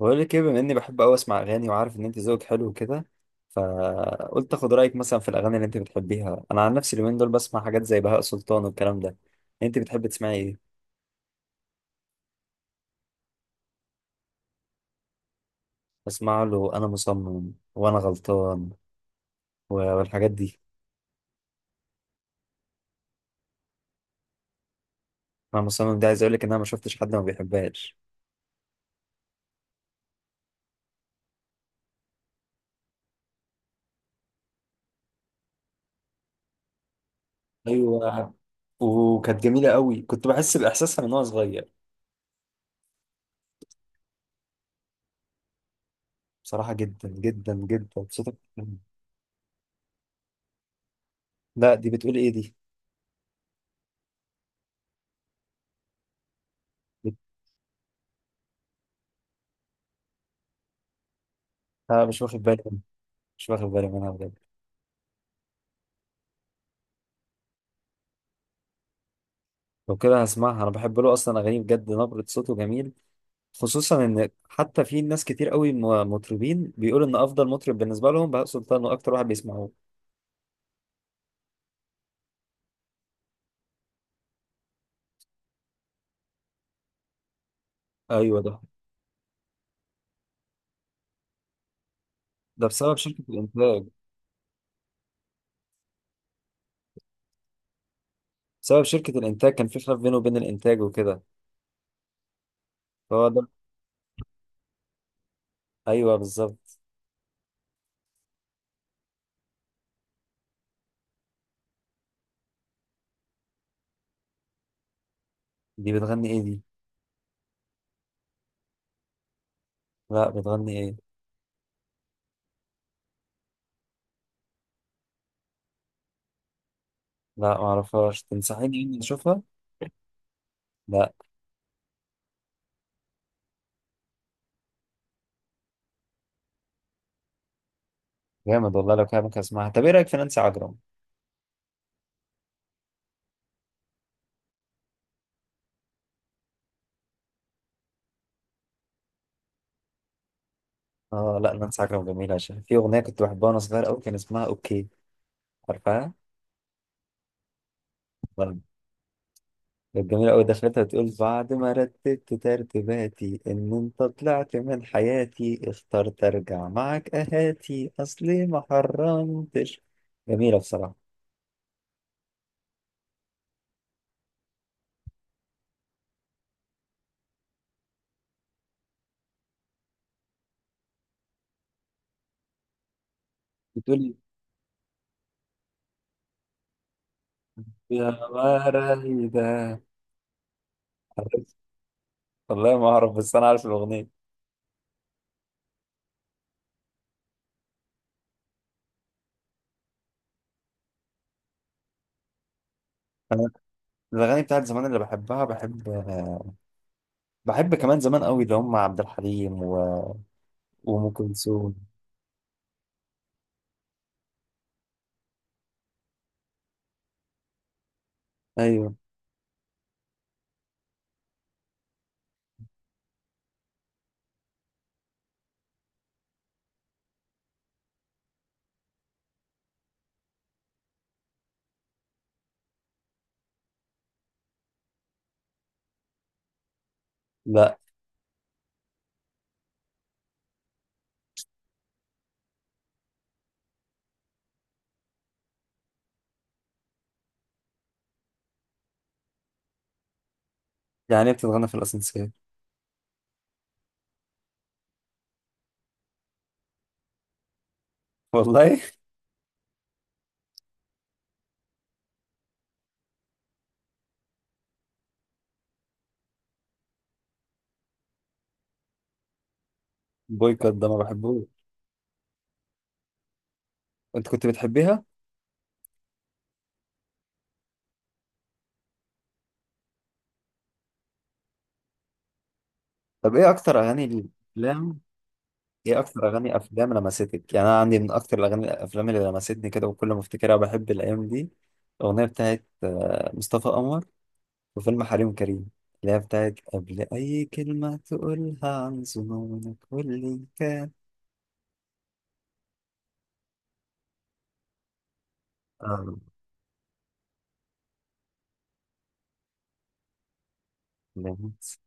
بقول لك ايه، بما اني بحب قوي اسمع اغاني وعارف ان انت ذوقك حلو كده. فقلت اخد رايك مثلا في الاغاني اللي انت بتحبيها. انا عن نفسي اليومين دول بسمع حاجات زي بهاء سلطان والكلام ده. انت بتحب تسمعي ايه؟ بسمع له انا مصمم وانا غلطان و- والحاجات دي. انا مصمم ده، عايز اقول لك ان انا ما شفتش حد ما بيحبهاش. ايوه، وكانت جميله قوي، كنت بحس باحساسها من وانا صغير. بصراحه جدا جدا جدا صوتك. لا، دي بتقول ايه دي؟ بت... آه، مش واخد بالي منها. مش واخد بالي منها بجد. لو كده هسمعها، انا بحب له اصلا اغانيه بجد، نبرة صوته جميل. خصوصا ان حتى في ناس كتير قوي مطربين بيقولوا ان افضل مطرب بالنسبه لهم بهاء سلطان واكتر واحد بيسمعوه. ايوه ده. ده بسبب شركه الانتاج. بسبب شركه الانتاج كان في خلاف بينه وبين الانتاج وكده، فهو ده. ايوه بالظبط. دي بتغني ايه دي؟ لا، بتغني ايه؟ لا معرفهاش، تنصحيني اني اشوفها؟ لا. جامد والله، لو كده ممكن اسمعها. طب ايه رايك في نانسي عجرم؟ اه لا، نانسي عجرم جميله، عشان في اغنيه كنت بحبها وانا صغير قوي كان اسمها اوكي. عارفها؟ كانت جميلة أوي، دخلتها تقول: بعد ما رتبت ترتيباتي إن أنت طلعت من حياتي اخترت أرجع معك أهاتي أصلي ما حرمتش. جميلة بصراحة. بتقول يا مرايدة. عارف- والله ما أعرف، بس أنا عارف الأغنية. أنا الأغاني بتاعت زمان اللي بحبها بحب. بحب كمان زمان أوي اللي هم عبد الحليم وأم كلثوم. أيوه. لا. يعني إيه بتتغنى في الأسانسير؟ والله. بويكوت ده ما بحبوش. أنت كنت بتحبيها؟ طب ايه اكتر اغاني الافلام؟ ايه اكتر اغاني افلام لمستك؟ يعني انا عندي من اكتر الاغاني الافلام اللي لمستني كده، وكل ما افتكرها بحب الايام دي. الاغنيه بتاعت مصطفى قمر وفيلم حريم كريم، اللي هي بتاعت قبل اي كلمه تقولها عن ظنونك واللي كان. اه، لمس.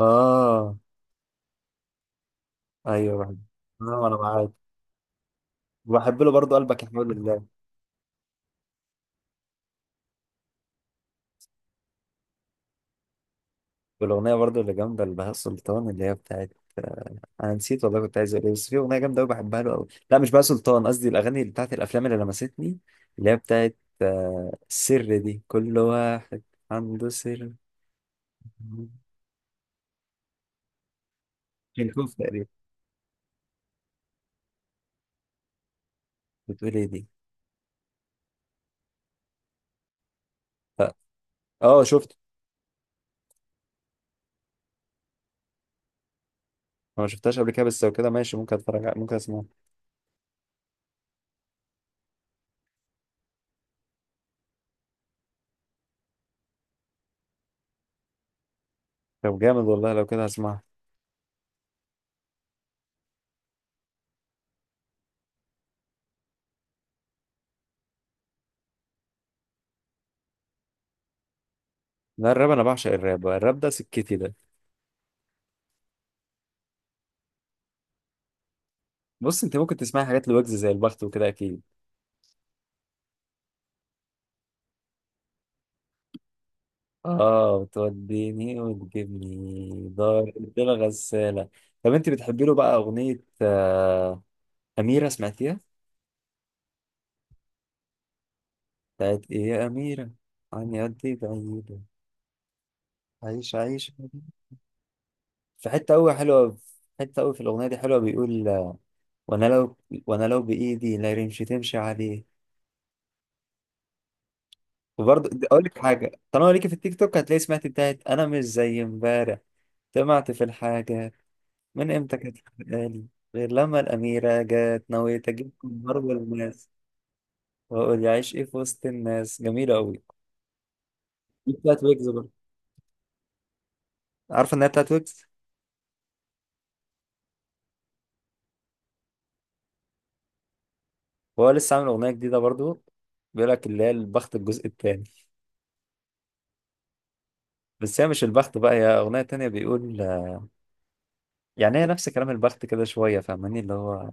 آه، ايوه بحب. آه، انا وانا معاك. وبحب له برضه قلبك يا حبيب الله. والاغنيه برضه اللي جامده لبهاء سلطان اللي هي بتاعت. انا نسيت والله كنت عايز اقول ايه، بس في اغنيه جامده قوي بحبها له قوي. لا مش بقى سلطان، قصدي الاغاني اللي بتاعت الافلام اللي لمستني، اللي هي بتاعت السر، دي كل واحد عنده سر. الكوف تقريبا. بتقول ايه دي؟ اه. شفت. أنا ما شفتهاش قبل كده، بس لو كده ماشي ممكن اتفرج ممكن اسمعها. طب جامد والله، لو كده هسمعها. لا، الراب انا بعشق الراب. الراب ده سكتي ده. بص، انت ممكن تسمعي حاجات لويجز زي البخت وكده اكيد. اه، بتوديني وتجيبني دار الدنيا غسالة. طب انت بتحبي له بقى اغنية أميرة، سمعتيها؟ بتاعت ايه يا أميرة، عني قد ايه بعيدة، عيش عيش. في حتة أوي حلوة، في حتة أوي في الأغنية دي حلوة، بيقول وانا لو وانا لو بايدي لا رمش تمشي عليه. وبرضه اقول لك حاجه، طالما ليكي في التيك توك هتلاقي سمعت بتاعت انا مش زي امبارح. سمعت في الحاجه، من امتى كانت خلقاني غير لما الأميرة جت، نويت أجيب كمبار والماس وأقول يعيش إيه في وسط الناس. جميلة أوي. دي بتاعت ويجز برضه. عارفة إن هي بتاعت ويجز. وهو لسه عامل أغنية جديدة برضه، بيقول لك اللي هي البخت الجزء التاني. بس هي مش البخت بقى، هي أغنية تانية بيقول. يعني هي نفس كلام البخت كده شوية، فاهماني؟ اللي هو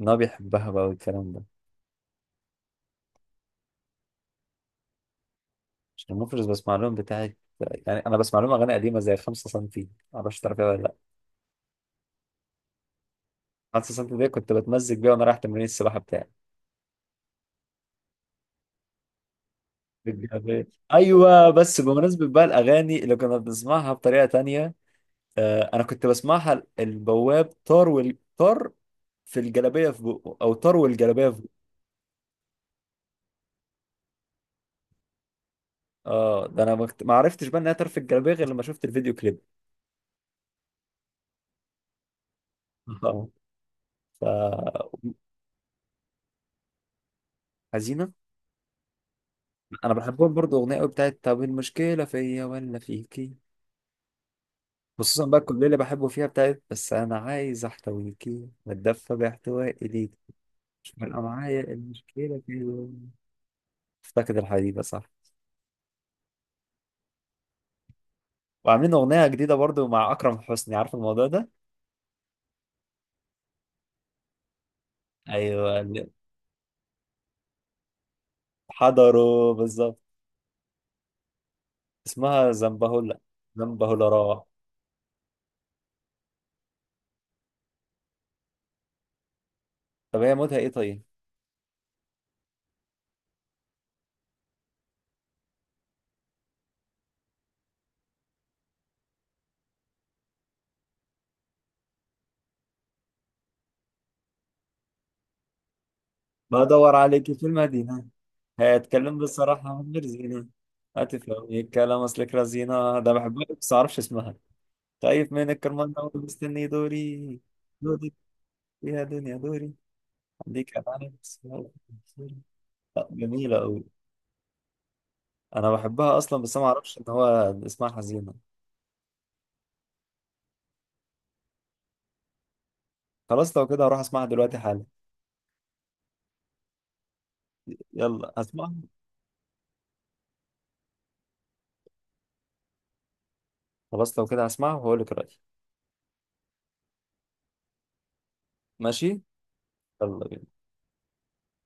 إن هو بيحبها بقى والكلام ده. عشان المفرز بسمع لهم بتاعت، يعني أنا بسمع لهم أغاني قديمة زي 5 سنتي، معرفش تعرفيها ولا لأ. 5 سنتي دي كنت بتمزج بيها وأنا رايح تمرين السباحة بتاعي. بالجابات. ايوه، بس بمناسبه بقى الاغاني اللي كنا بنسمعها بطريقه تانية، آه انا كنت بسمعها البواب طار والطار في الجلابيه في بقه، او طار والجلابيه في بقه. اه، ده انا ما عرفتش بقى انها طار في الجلابيه غير لما شفت الفيديو كليب. اه. ف حزينه؟ انا بحبهم برضو اغنيه قوي بتاعت طب المشكله فيا ولا فيكي. خصوصا بقى الكوبليه اللي بحبه فيها بتاعت بس انا عايز احتويكي واتدفى باحتوائي ليكي، مش فارقه معايا المشكله فيا. افتقد الحديده، صح؟ وعاملين أغنية جديدة برضو مع أكرم حسني، عارف الموضوع ده؟ أيوة اللي حضروا بالظبط. اسمها زنبهولا، زنبهولا راح. طب هي موتها إيه طيب؟ بدور عليكي في المدينة، هتكلم بالصراحة من مرزينة، هتفهمي الكلام أصلك رزينة. ده بحبها بس معرفش اسمها. طيب من الكرمان ده مستني دوري، دوري يا دنيا دوري، عندك أنا بس. لا، جميلة أوي. أنا بحبها أصلا بس ما أعرفش إن هو اسمها حزينة. خلاص، لو كده هروح اسمعها دلوقتي حالا. يلا اسمعها. خلاص، لو كده هسمعها وهقول لك رأيي. ماشي. يلا بينا.